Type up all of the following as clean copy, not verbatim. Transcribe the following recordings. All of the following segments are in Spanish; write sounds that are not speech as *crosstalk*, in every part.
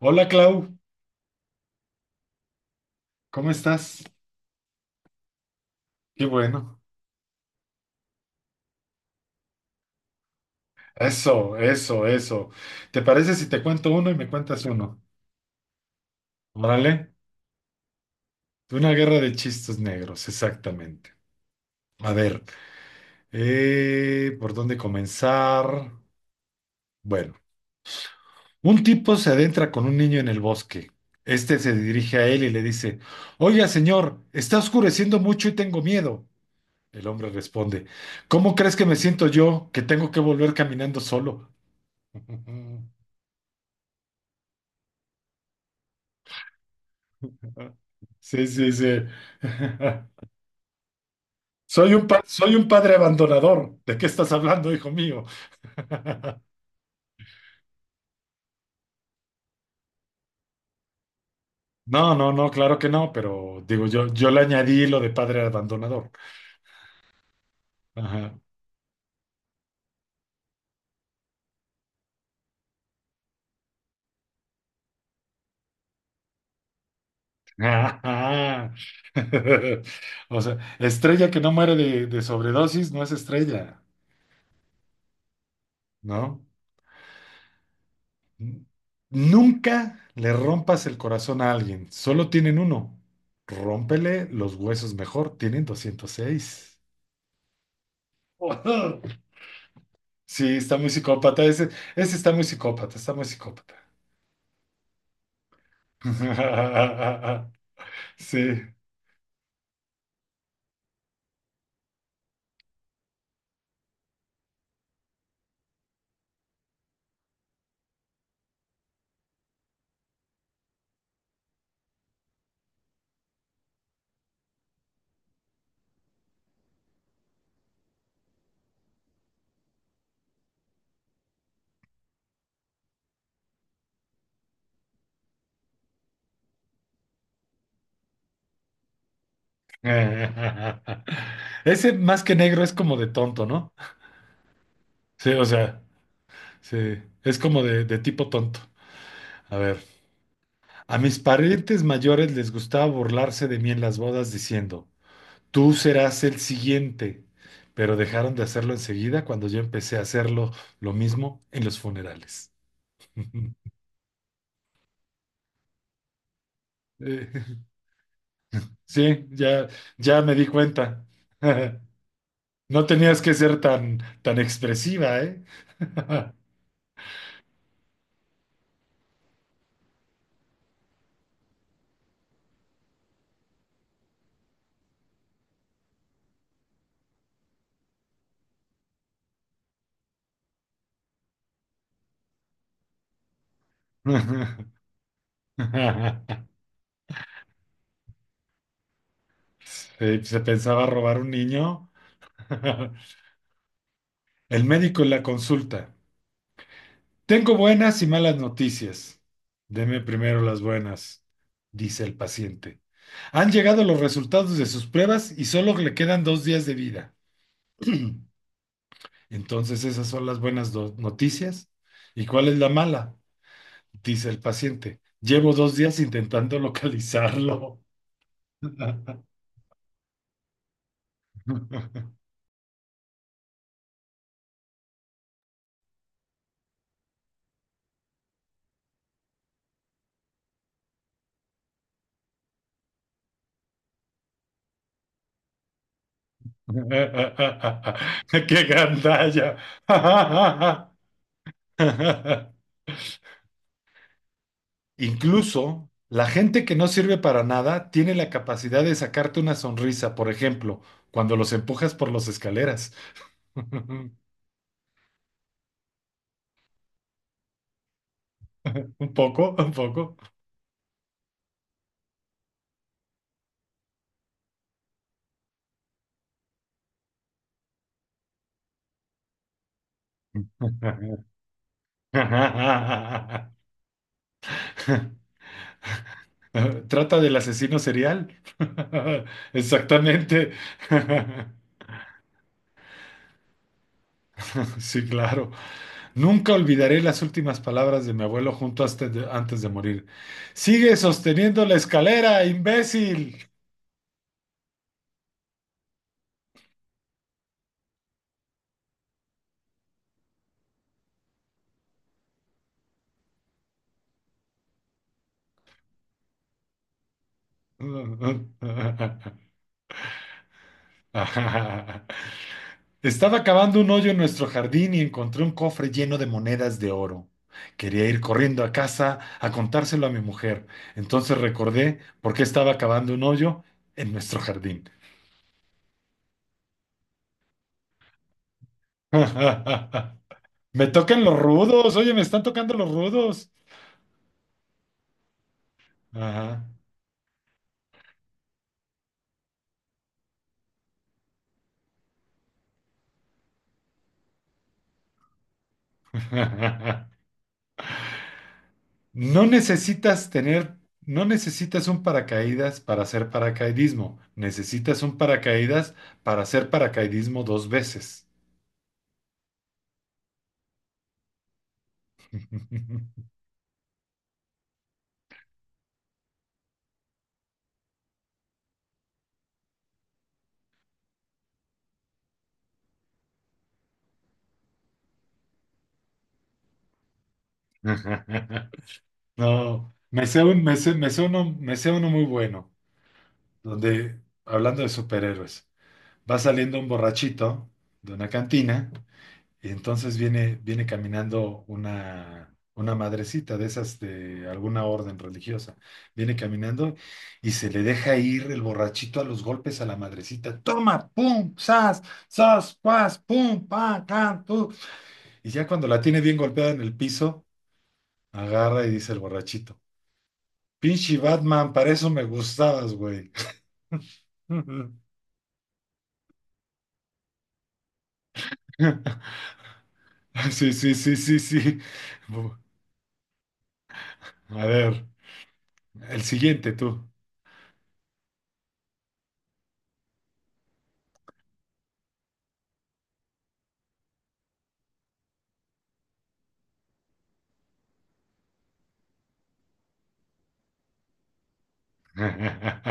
Hola Clau, ¿cómo estás? Qué bueno. Eso, eso, eso. ¿Te parece si te cuento uno y me cuentas uno? Órale. Una guerra de chistes negros, exactamente. A ver, ¿por dónde comenzar? Bueno, un tipo se adentra con un niño en el bosque. Este se dirige a él y le dice: Oiga, señor, está oscureciendo mucho y tengo miedo. El hombre responde: ¿Cómo crees que me siento yo, que tengo que volver caminando solo? *laughs* Sí, sí, sí. *laughs* Soy un padre abandonador. ¿De qué estás hablando, hijo mío? No, no, no, claro que no, pero digo, yo le añadí lo de padre abandonador. Ajá. Ajá. *laughs* O sea, estrella que no muere de sobredosis no es estrella, ¿no? Nunca le rompas el corazón a alguien, solo tienen uno. Rómpele los huesos mejor, tienen 206. *laughs* Sí, está muy psicópata. Ese está muy psicópata, está muy psicópata. *laughs* Sí. Ese más que negro es como de tonto, ¿no? Sí, o sea, sí, es como de tipo tonto. A ver, a mis parientes mayores les gustaba burlarse de mí en las bodas diciendo: tú serás el siguiente, pero dejaron de hacerlo enseguida cuando yo empecé a hacerlo lo mismo en los funerales. *laughs* Eh, Sí, ya, ya me di cuenta. *laughs* No tenías que ser tan, tan expresiva, ¿eh? *laughs* Sí, se pensaba robar un niño. *laughs* El médico en la consulta. Tengo buenas y malas noticias. Deme primero las buenas, dice el paciente. Han llegado los resultados de sus pruebas y solo le quedan dos días de vida. Entonces, esas son las buenas noticias. ¿Y cuál es la mala? Dice el paciente: llevo dos días intentando localizarlo. *laughs* ¡Qué gandalla! *laughs* Incluso la gente que no sirve para nada tiene la capacidad de sacarte una sonrisa, por ejemplo, cuando los empujas por las escaleras. *laughs* Un poco, un poco. *laughs* Trata del asesino serial. *laughs* Exactamente. *laughs* *laughs* Sí, claro. Nunca olvidaré las últimas palabras de mi abuelo junto hasta antes de morir. Sigue sosteniendo la escalera, imbécil. *laughs* Estaba cavando un hoyo en nuestro jardín y encontré un cofre lleno de monedas de oro. Quería ir corriendo a casa a contárselo a mi mujer. Entonces recordé por qué estaba cavando un hoyo en nuestro jardín. *laughs* Me tocan los rudos, oye, me están tocando los rudos. Ajá. *laughs* No necesitas tener, no necesitas un paracaídas para hacer paracaidismo. Necesitas un paracaídas para hacer paracaidismo dos veces. *laughs* No, me sé uno muy bueno, donde, hablando de superhéroes, va saliendo un borrachito de una cantina. Y entonces viene caminando una madrecita de esas de alguna orden religiosa. Viene caminando y se le deja ir el borrachito a los golpes a la madrecita. Toma, pum, sas, sas, pas, pum, pa, can, tu. Y ya cuando la tiene bien golpeada en el piso, agarra y dice el borrachito: Pinche Batman, para eso me gustabas, güey. *laughs* Sí, sí, sí, sí, sí. Bu- A ver, el siguiente tú. *laughs*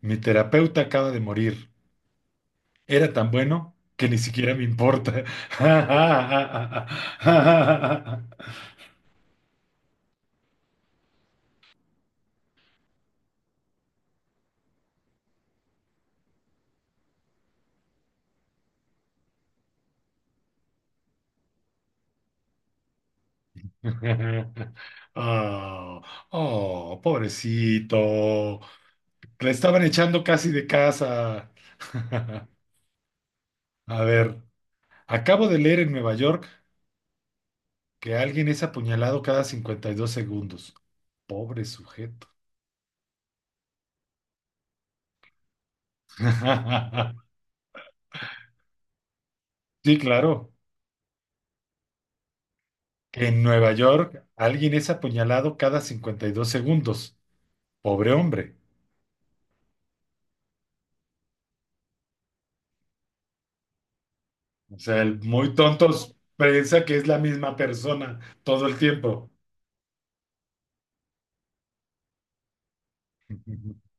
Mi terapeuta acaba de morir. Era tan bueno que ni siquiera me importa. *laughs* Oh, oh, pobrecito. Le estaban echando casi de casa. *laughs* A ver, acabo de leer en Nueva York que alguien es apuñalado cada 52 segundos. Pobre sujeto. *laughs* Sí, claro. Que en Nueva York alguien es apuñalado cada 52 segundos. Pobre hombre. O sea, el muy tontos piensa que es la misma persona todo el tiempo. *laughs*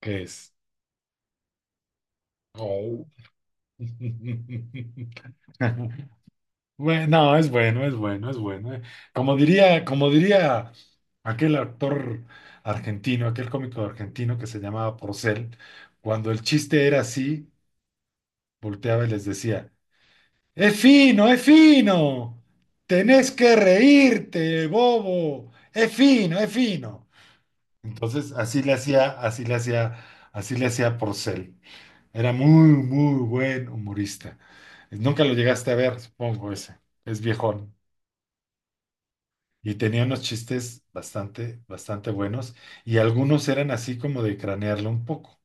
¿Qué es? Oh. *laughs* Bueno, no, es bueno, es bueno, es bueno. Como diría aquel actor argentino, aquel cómico argentino que se llamaba Porcel, cuando el chiste era así, volteaba y les decía: ¡Es fino, es fino! ¡Tenés que reírte, bobo! ¡Es fino, es fino! Entonces, así le hacía, así le hacía, así le hacía Porcel. Era muy, muy buen humorista. Nunca lo llegaste a ver, supongo ese. Es viejón. Y tenía unos chistes bastante, bastante buenos y algunos eran así como de cranearlo un poco,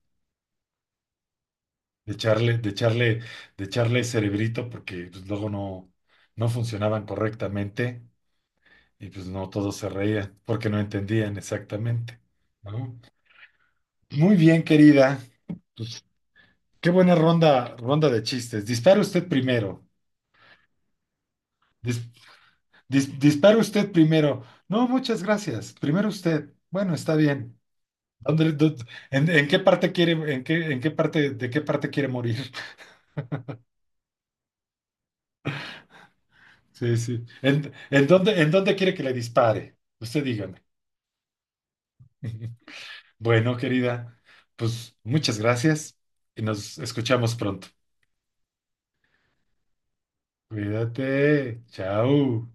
de echarle, de echarle, de echarle cerebrito porque pues, luego no, no funcionaban correctamente y pues no todos se reían porque no entendían exactamente, ¿no? Muy bien, querida. Qué buena ronda, ronda de chistes. Dispara usted primero. Dis- dispara usted primero. No, muchas gracias. Primero usted. Bueno, está bien. Ándale, du- ¿en qué parte quiere, en qué parte, de qué parte quiere morir? *laughs* Sí, sí. ¿En dónde, en dónde quiere que le dispare? Usted dígame. Bueno, querida, pues muchas gracias y nos escuchamos pronto. Cuídate. Chao.